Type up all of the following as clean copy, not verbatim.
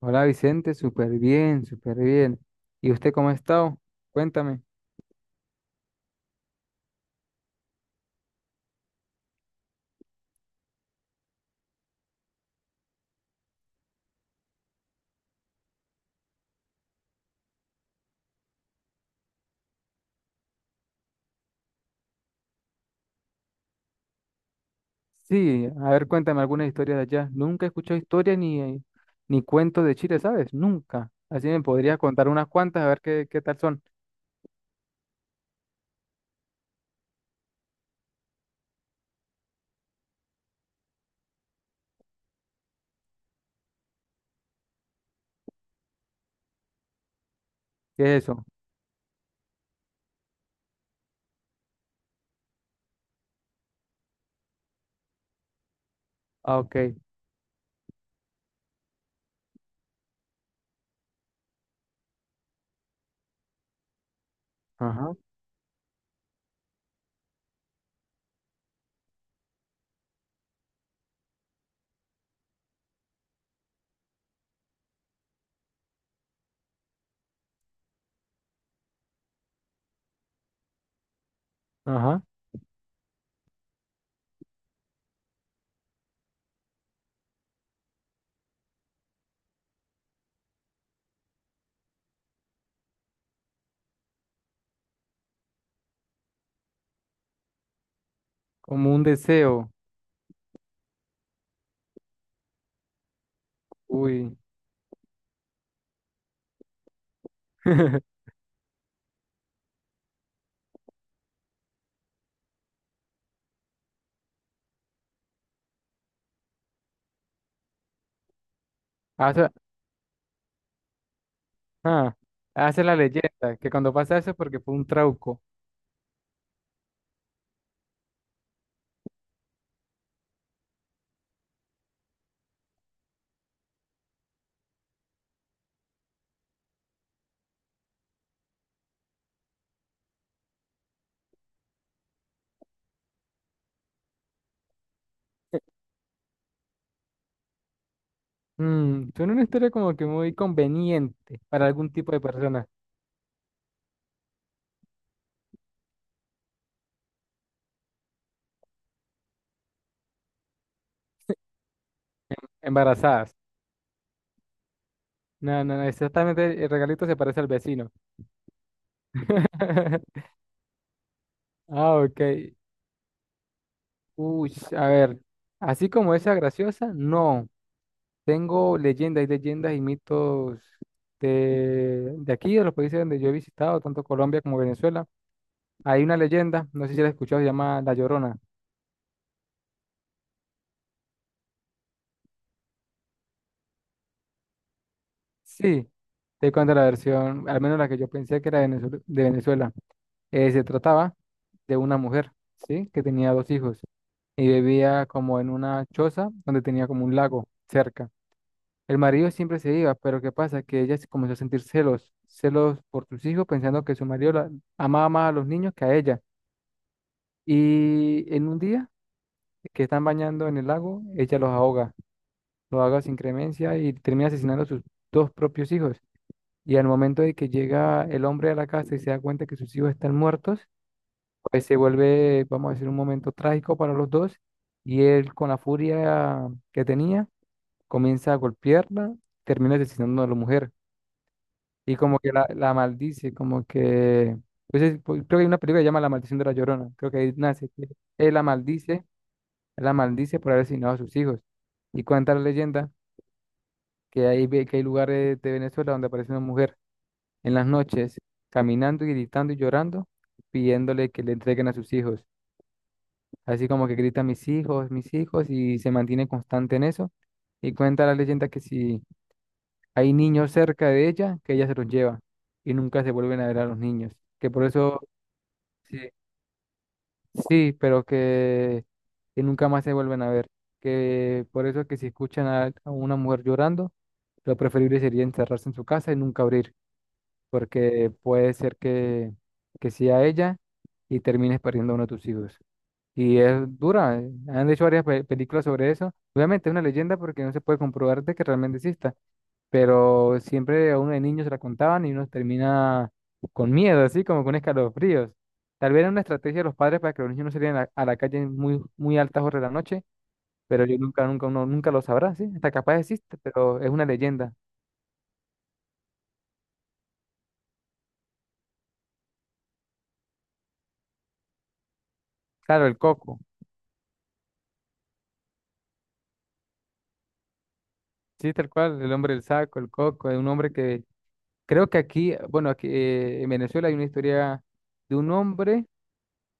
Hola Vicente, súper bien, súper bien. ¿Y usted cómo ha estado? Cuéntame. Sí, a ver, cuéntame alguna historia de allá. Nunca he escuchado historia ni, ni cuentos de Chile, ¿sabes? Nunca. Así me podrías contar unas cuantas, a ver qué, qué tal son. ¿Qué es eso? Ah, ok. Ajá, ajá. Como un deseo. Uy. Hace, ah, hace la leyenda, que cuando pasa eso es porque fue un trauco. Mm, suena una historia como que muy conveniente para algún tipo de personas embarazadas. No, no, no, exactamente el regalito se parece al vecino. Ah, ok. Uy, a ver, así como esa graciosa, no. Tengo leyendas y leyendas y mitos de aquí, de los países donde yo he visitado, tanto Colombia como Venezuela. Hay una leyenda, no sé si la has escuchado, se llama La Llorona. Sí, te cuento la versión, al menos la que yo pensé que era de Venezuela. De Venezuela. Se trataba de una mujer, ¿sí? Que tenía dos hijos. Y vivía como en una choza donde tenía como un lago cerca. El marido siempre se iba, pero ¿qué pasa? Que ella se comenzó a sentir celos, celos por sus hijos, pensando que su marido la amaba más a los niños que a ella. Y en un día que están bañando en el lago, ella los ahoga sin cremencia y termina asesinando a sus dos propios hijos. Y al momento de que llega el hombre a la casa y se da cuenta que sus hijos están muertos, pues se vuelve, vamos a decir, un momento trágico para los dos. Y él, con la furia que tenía, comienza a golpearla, termina asesinando a la mujer y como que la maldice, como que... Entonces, pues, creo que hay una película que se llama La Maldición de la Llorona, creo que ahí nace, que él la maldice, él la maldice por haber asesinado a sus hijos. Y cuenta la leyenda que hay, que hay lugares de Venezuela donde aparece una mujer en las noches caminando y gritando y llorando, pidiéndole que le entreguen a sus hijos. Así como que grita mis hijos y se mantiene constante en eso. Y cuenta la leyenda que si hay niños cerca de ella que ella se los lleva y nunca se vuelven a ver a los niños. Que por eso, sí, sí, pero que nunca más se vuelven a ver. Que por eso que si escuchan a una mujer llorando, lo preferible sería encerrarse en su casa y nunca abrir, porque puede ser que sea ella y termines perdiendo a uno de tus hijos. Y es dura, han hecho varias películas sobre eso. Obviamente es una leyenda porque no se puede comprobar de que realmente exista, pero siempre a uno de niño se la contaban y uno termina con miedo, así como con escalofríos. Tal vez era una estrategia de los padres para que los niños no salieran a la calle en muy, muy altas horas de la noche, pero yo nunca, nunca, uno nunca lo sabrá, ¿sí? Hasta capaz existe, pero es una leyenda. Claro, el coco, sí, tal cual, el hombre del saco, el coco, es un hombre que creo que aquí, bueno, aquí en Venezuela hay una historia de un hombre.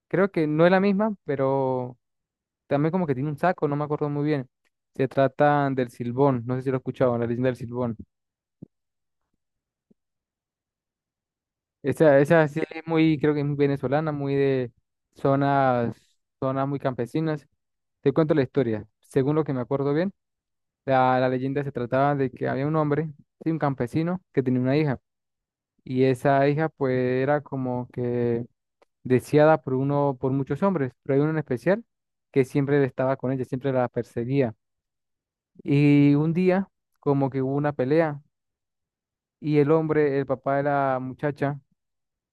Creo que no es la misma, pero también como que tiene un saco, no me acuerdo muy bien. Se trata del Silbón, no sé si lo he escuchado, la leyenda del Silbón. Esa sí es muy, creo que es muy venezolana, muy de zonas, zonas muy campesinas. Te cuento la historia. Según lo que me acuerdo bien, la leyenda se trataba de que había un hombre, sí, un campesino, que tenía una hija. Y esa hija pues era como que deseada por uno, por muchos hombres, pero hay uno en especial que siempre estaba con ella, siempre la perseguía. Y un día, como que hubo una pelea y el hombre, el papá de la muchacha,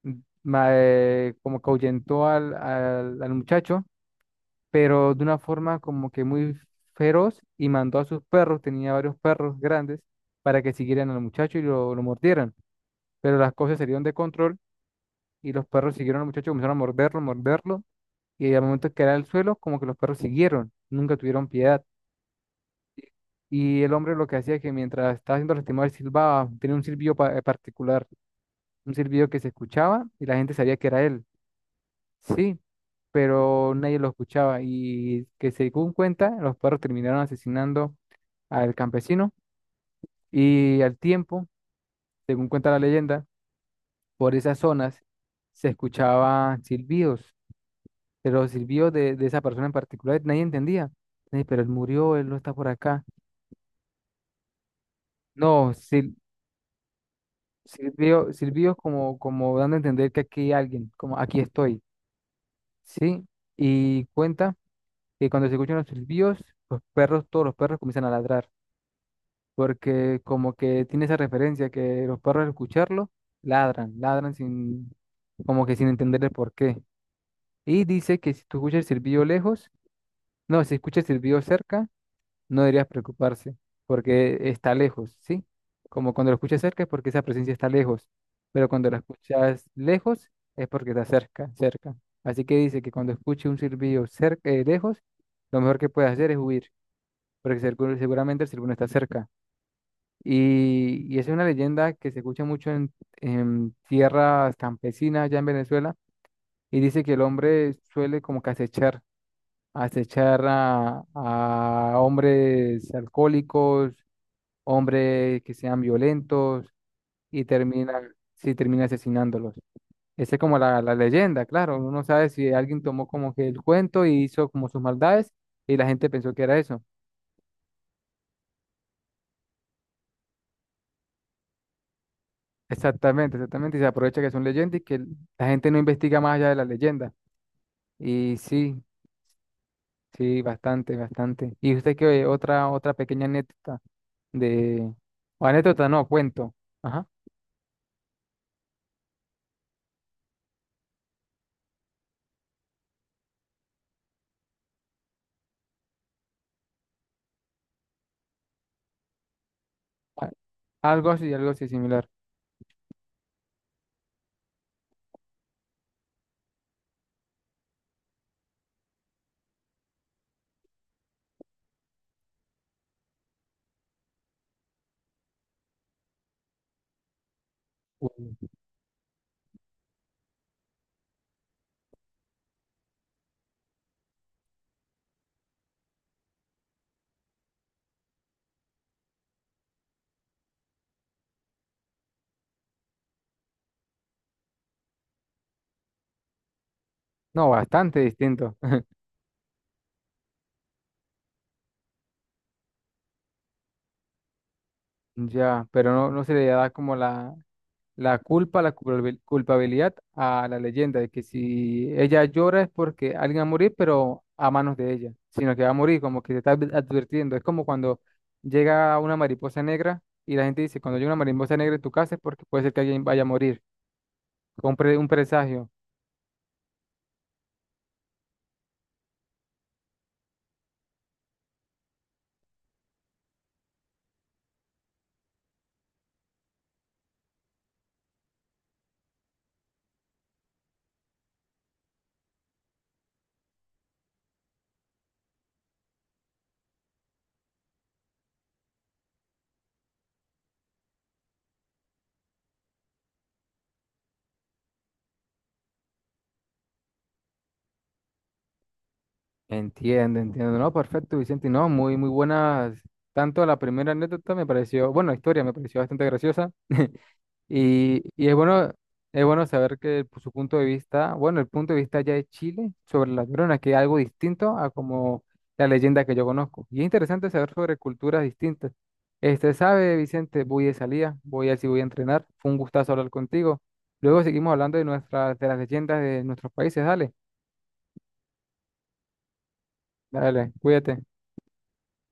como que ahuyentó al, al, al muchacho, pero de una forma como que muy feroz y mandó a sus perros, tenía varios perros grandes, para que siguieran al muchacho y lo mordieran. Pero las cosas salieron de control y los perros siguieron al muchacho, comenzaron a morderlo, morderlo, y al momento que era al suelo, como que los perros siguieron, nunca tuvieron piedad. Y el hombre lo que hacía es que mientras estaba haciendo lastimado, él silbaba, tenía un silbido particular, un silbido que se escuchaba y la gente sabía que era él, sí, pero nadie lo escuchaba y que según cuenta, los perros terminaron asesinando al campesino y al tiempo, según cuenta la leyenda, por esas zonas se escuchaban silbidos, pero los silbidos de esa persona en particular nadie entendía, "Ey, pero él murió, él no está por acá." No, sí, sirvió, sirvió como, como dando a entender que aquí hay alguien, como aquí estoy, ¿sí? Y cuenta que cuando se escuchan los silbidos, los perros, todos los perros comienzan a ladrar, porque como que tiene esa referencia que los perros al escucharlo ladran, ladran sin, como que sin entender el porqué. Y dice que si tú escuchas el silbido lejos, no, si escuchas el silbido cerca, no deberías preocuparse porque está lejos, ¿sí? Como cuando lo escuchas cerca es porque esa presencia está lejos, pero cuando la escuchas lejos es porque está cerca, cerca. Así que dice que cuando escuche un silbido cerca, lejos, lo mejor que puedes hacer es huir, porque seguramente el silbón está cerca. Y es una leyenda que se escucha mucho en tierras campesinas allá en Venezuela y dice que el hombre suele como que acechar acechar a hombres alcohólicos, hombres que sean violentos y termina, sí, termina asesinándolos. Esa es como la leyenda, claro. Uno no sabe si alguien tomó como que el cuento y hizo como sus maldades y la gente pensó que era eso. Exactamente, exactamente. Y se aprovecha que son leyendas y que la gente no investiga más allá de la leyenda. Y sí, sí, bastante, bastante. ¿Y usted qué otra, otra pequeña anécdota de, o anécdota no, cuento? Ajá. a- algo así similar. No, bastante distinto. Ya, pero no, no se le da como la culpa, la culpabilidad a la leyenda de que si ella llora es porque alguien va a morir, pero a manos de ella, sino que va a morir, como que se está advirtiendo. Es como cuando llega una mariposa negra y la gente dice, cuando llega una mariposa negra en tu casa es porque puede ser que alguien vaya a morir, como un un presagio. Entiendo, entiendo. No, perfecto, Vicente. No, muy, muy buenas. Tanto la primera anécdota me pareció, bueno, la historia me pareció bastante graciosa. Y, y es bueno saber que pues, su punto de vista, bueno, el punto de vista ya de Chile sobre las neuronas, que es algo distinto a como la leyenda que yo conozco. Y es interesante saber sobre culturas distintas. Este, sabe, Vicente, voy de salida, voy a ver si voy a entrenar. Fue un gustazo hablar contigo. Luego seguimos hablando de nuestras, de las leyendas de nuestros países. Dale, dale, cuídate.